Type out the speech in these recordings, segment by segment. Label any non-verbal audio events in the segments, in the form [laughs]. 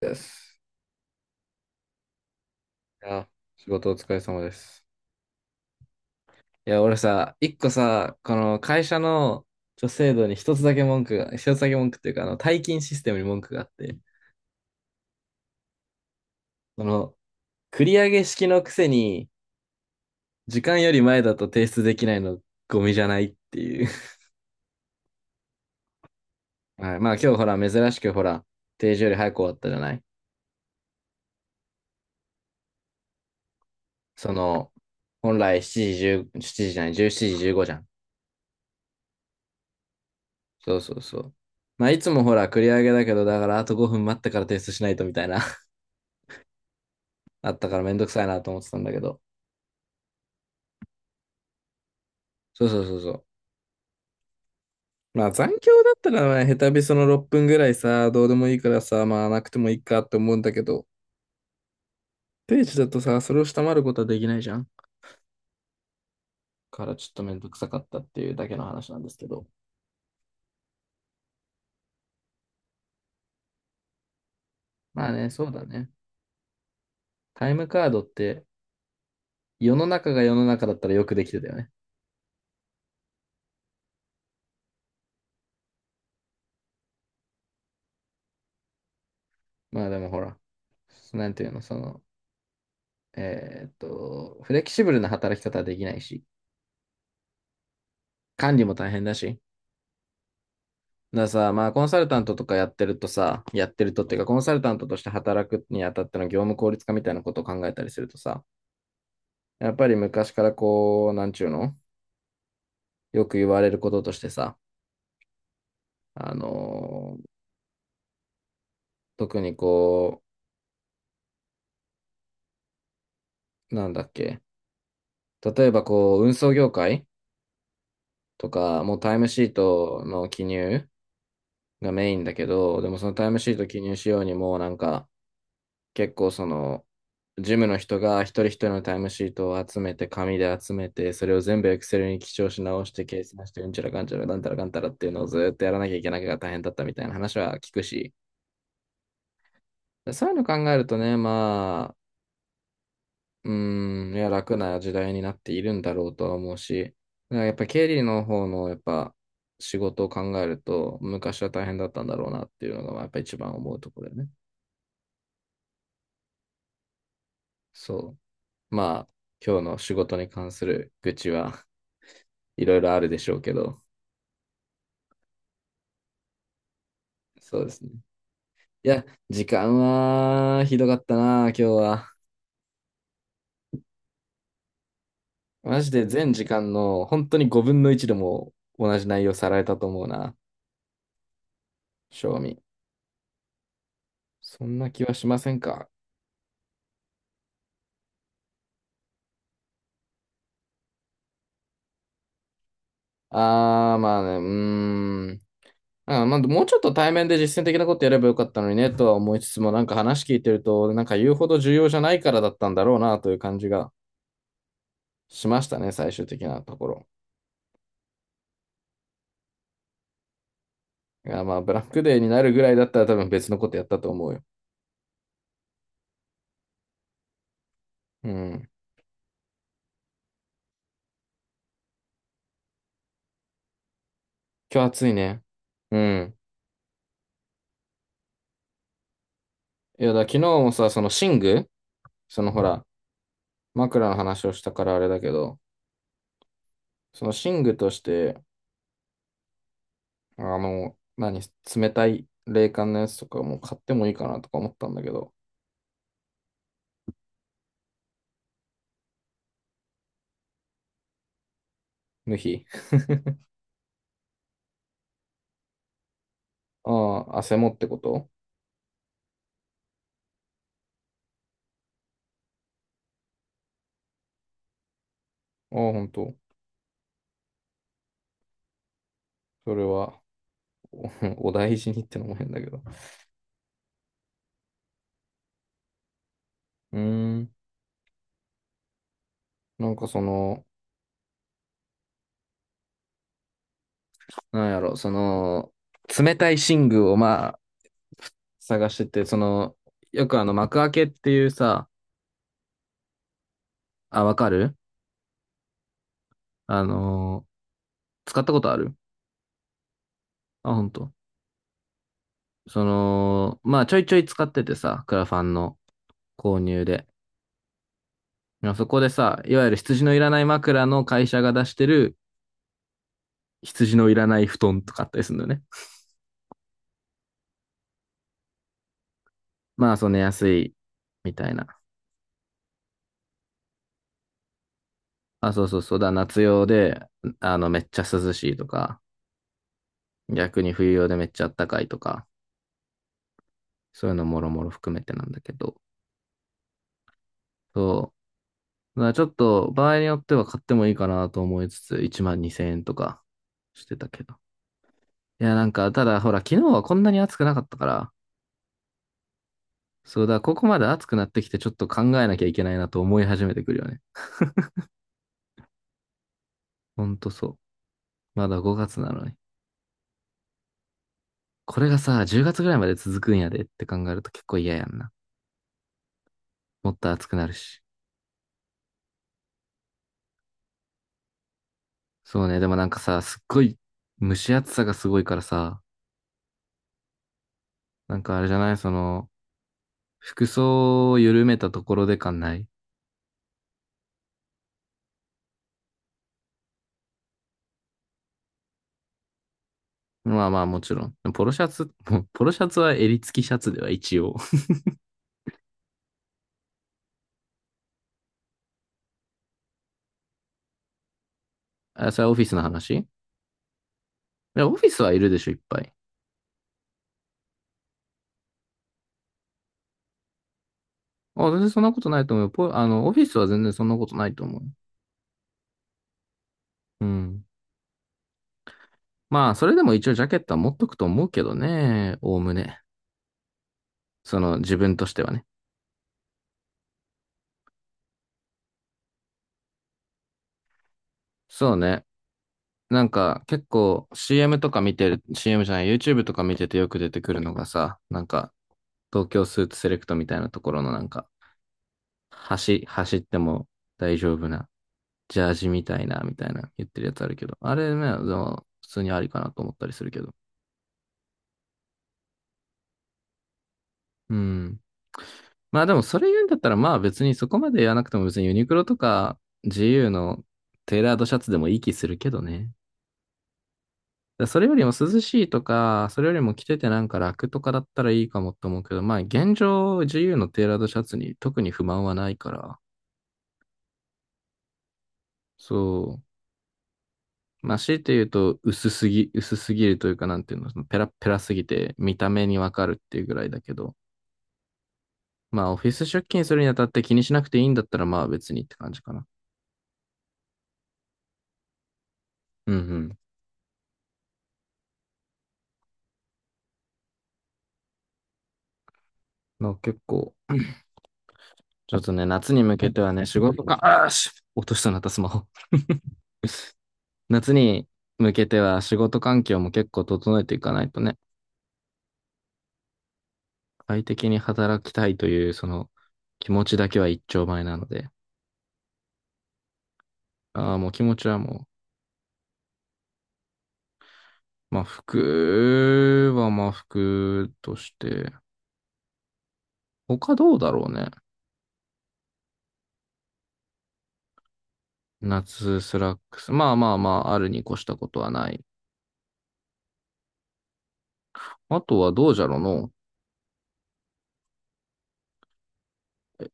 です。いや、仕事お疲れ様です。いや、俺さ、一個さ、この会社の制度に一つだけ文句っていうか、退勤システムに文句があって、その、繰り上げ式のくせに、時間より前だと提出できないの、ゴミじゃないっていう。[laughs] はい、まあ今日ほら、珍しくほら、定時より早く終わったじゃない。その、本来7時10、7時じじゃない、17時15じじゅうごじゃん。そうそうそう。まあいつもほら、繰り上げだけど、だからあと5分待ってから提出しないとみたいな。あったからめんどくさいなと思ってたんだけど。そうそうそうそう。まあ残響だったらね、下手びその6分ぐらいさ、どうでもいいからさ、まあなくてもいいかって思うんだけど、定時だとさ、それを下回ることはできないじゃん。からちょっとめんどくさかったっていうだけの話なんですけど。まあね、そうだね。タイムカードって、世の中が世の中だったらよくできてたよね。まあでもほら、なんていうの、フレキシブルな働き方はできないし、管理も大変だし、だからさ、まあ、コンサルタントとかやってるとさ、やってるとっていうか、コンサルタントとして働くにあたっての業務効率化みたいなことを考えたりするとさ、やっぱり昔からこう、なんちゅうの、よく言われることとしてさ、あのー特にこう、なんだっけ、例えばこう、運送業界とか、もうタイムシートの記入がメインだけど、でもそのタイムシート記入しようにもうなんか、結構その、ジムの人が一人一人のタイムシートを集めて、紙で集めて、それを全部エクセルに記帳し直して、計算して、うんちゃらかんちゃら、なんたらかんたらっていうのをずっとやらなきゃいけないが大変だったみたいな話は聞くし、そういうの考えるとね、まあ、うーん、いや、楽な時代になっているんだろうとは思うし、だからやっぱ経理の方のやっぱ仕事を考えると、昔は大変だったんだろうなっていうのが、まあやっぱ一番思うところだよね。そう。まあ、今日の仕事に関する愚痴はいろいろあるでしょうけど、そうですね。いや、時間はひどかったな、今日は。マジで全時間の本当に5分の1でも同じ内容さられたと思うな、正味。そんな気はしませんか？あー、まあね、うーん。あー、まあ、もうちょっと対面で実践的なことやればよかったのにね、とは思いつつも、なんか話聞いてると、なんか言うほど重要じゃないからだったんだろうな、という感じがしましたね、最終的なところ。いや、まあ、ブラックデーになるぐらいだったら多分別のことやったと思うよ。うん。今日暑いね。うん。いや、昨日もさ、その寝具、そのほら、枕の話をしたからあれだけど、その寝具として、何、冷たい冷感のやつとかも買ってもいいかなとか思ったんだけど、無比。[laughs] ああ、汗もってこと。ああ、ほんと。それは、[laughs] お大事にってのも変だけど。うーん。なんかその、なんやろ、冷たい寝具をまあ、探してて、よく幕開けっていうさ、あ、わかる。あのー使ったことある？あ、本当。まあちょいちょい使っててさ、クラファンの購入で。まあそこでさ、いわゆる羊のいらない枕の会社が出してる羊のいらない布団とかあったりするんだよね。まあそう、寝やすいみたいな。あ、そうそうそうだ、夏用で、めっちゃ涼しいとか、逆に冬用でめっちゃ暖かいとか、そういうのもろもろ含めてなんだけど、そう。だからちょっと場合によっては買ってもいいかなと思いつつ、1万2000円とかしてたけど。いや、なんか、ただ、ほら、昨日はこんなに暑くなかったから、そうだ、ここまで暑くなってきて、ちょっと考えなきゃいけないなと思い始めてくるよね。ほんとそう。まだ5月なのに。これがさ、10月ぐらいまで続くんやでって考えると結構嫌やんな。もっと暑くなるし。そうね、でもなんかさ、すっごい、蒸し暑さがすごいからさ、なんかあれじゃない、服装を緩めたところで感ない。まあまあもちろん。ポロシャツ、もうポロシャツは襟付きシャツでは一応。[laughs] あ、それはオフィスの話？いや、オフィスはいるでしょ、いっぱい。あ、全然そんなことないと思うよ。ポあの、オフィスは全然そんなことないと思う。うん。まあ、それでも一応ジャケットは持っとくと思うけどね。おおむね。自分としてはね。そうね。なんか、結構 CM とか見てる、CM じゃない、YouTube とか見ててよく出てくるのがさ、なんか、東京スーツセレクトみたいなところのなんか、走っても大丈夫な、ジャージみたいな、言ってるやつあるけど、あれね、でも普通にありかなと思ったりするけど。うん。まあでもそれ言うんだったらまあ別にそこまでやらなくても別にユニクロとか GU のテーラードシャツでもいい気するけどね。それよりも涼しいとか、それよりも着ててなんか楽とかだったらいいかもって思うけど、まあ現状 GU のテーラードシャツに特に不満はないから、そう。まあ強いて言うと薄すぎるというかなんていうの、そのペラッペラすぎて見た目にわかるっていうぐらいだけど、まあオフィス出勤するにあたって気にしなくていいんだったらまあ別にって感じかな。うんうん。の結構、ちょっとね、夏に向けてはね、仕事か、あーし、落としたなったスマホ。[laughs] 夏に向けては仕事環境も結構整えていかないとね、快適に働きたいという、その気持ちだけは一丁前なので、ああ、もう気持ちはもう、まあ服はまあ服として、他どうだろうね。夏スラックス。まあまあまあ、あるに越したことはない。あとはどうじゃろうの。え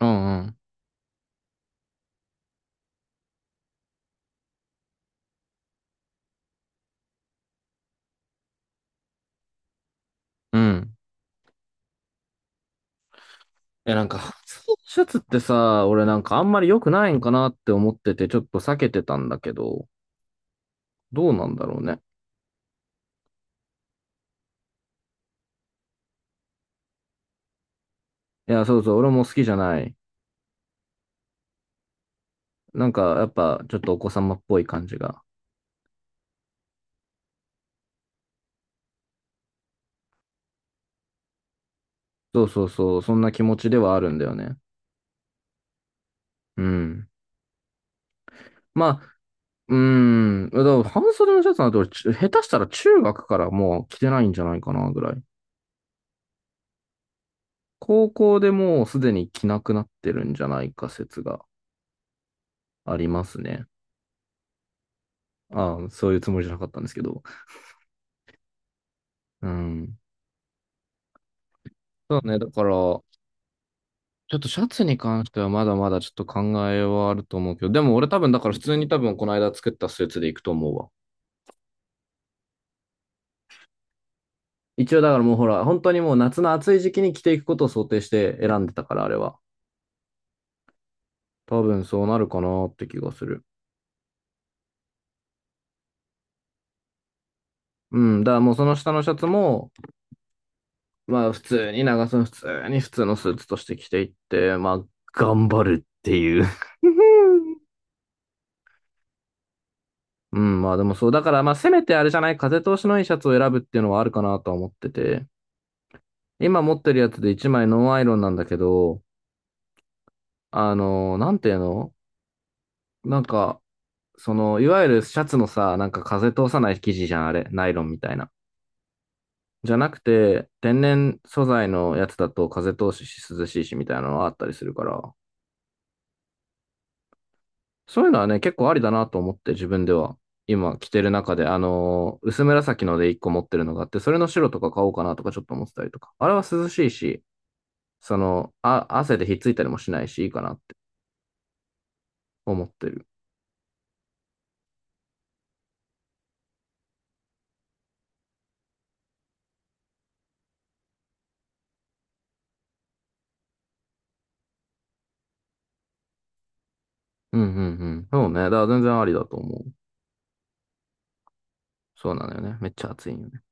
うんうん。うん。え、なんか、シャツってさ、俺なんかあんまり良くないんかなって思ってて、ちょっと避けてたんだけど、どうなんだろうね。いや、そうそう、俺も好きじゃない。なんか、やっぱ、ちょっとお子様っぽい感じが。そうそうそう、そんな気持ちではあるんだよね。うん。まあ、うーん。だから半袖のシャツなんて俺、ち下手したら中学からもう着てないんじゃないかなぐらい。高校でもうすでに着なくなってるんじゃないか説がありますね。ああ、そういうつもりじゃなかったんですけど。うん。そうね、だから、ちょっとシャツに関してはまだまだちょっと考えはあると思うけど、でも俺多分だから普通に多分この間作ったスーツで行くと思うわ。一応だからもうほら、本当にもう夏の暑い時期に着ていくことを想定して選んでたから、あれは。多分そうなるかなって気がする。うん、だからもうその下のシャツも、まあ普通に長袖、普通に普通のスーツとして着ていって、まあ頑張るっていう。 [laughs] うん、まあでもそう、だからまあせめてあれじゃない、風通しのいいシャツを選ぶっていうのはあるかなとは思ってて。今持ってるやつで一枚ノンアイロンなんだけど、なんていうの、なんか、その、いわゆるシャツのさ、なんか風通さない生地じゃん、あれ。ナイロンみたいな。じゃなくて、天然素材のやつだと風通しし涼しいしみたいなのがあったりするから、そういうのはね、結構ありだなと思って自分では。今着てる中で、薄紫ので一個持ってるのがあって、それの白とか買おうかなとかちょっと思ってたりとか。あれは涼しいし、その、あ、汗でひっついたりもしないし、いいかなって思ってる。うんうんうん。そうね。だから全然ありだと思う。そうなのよね。めっちゃ暑いんよね。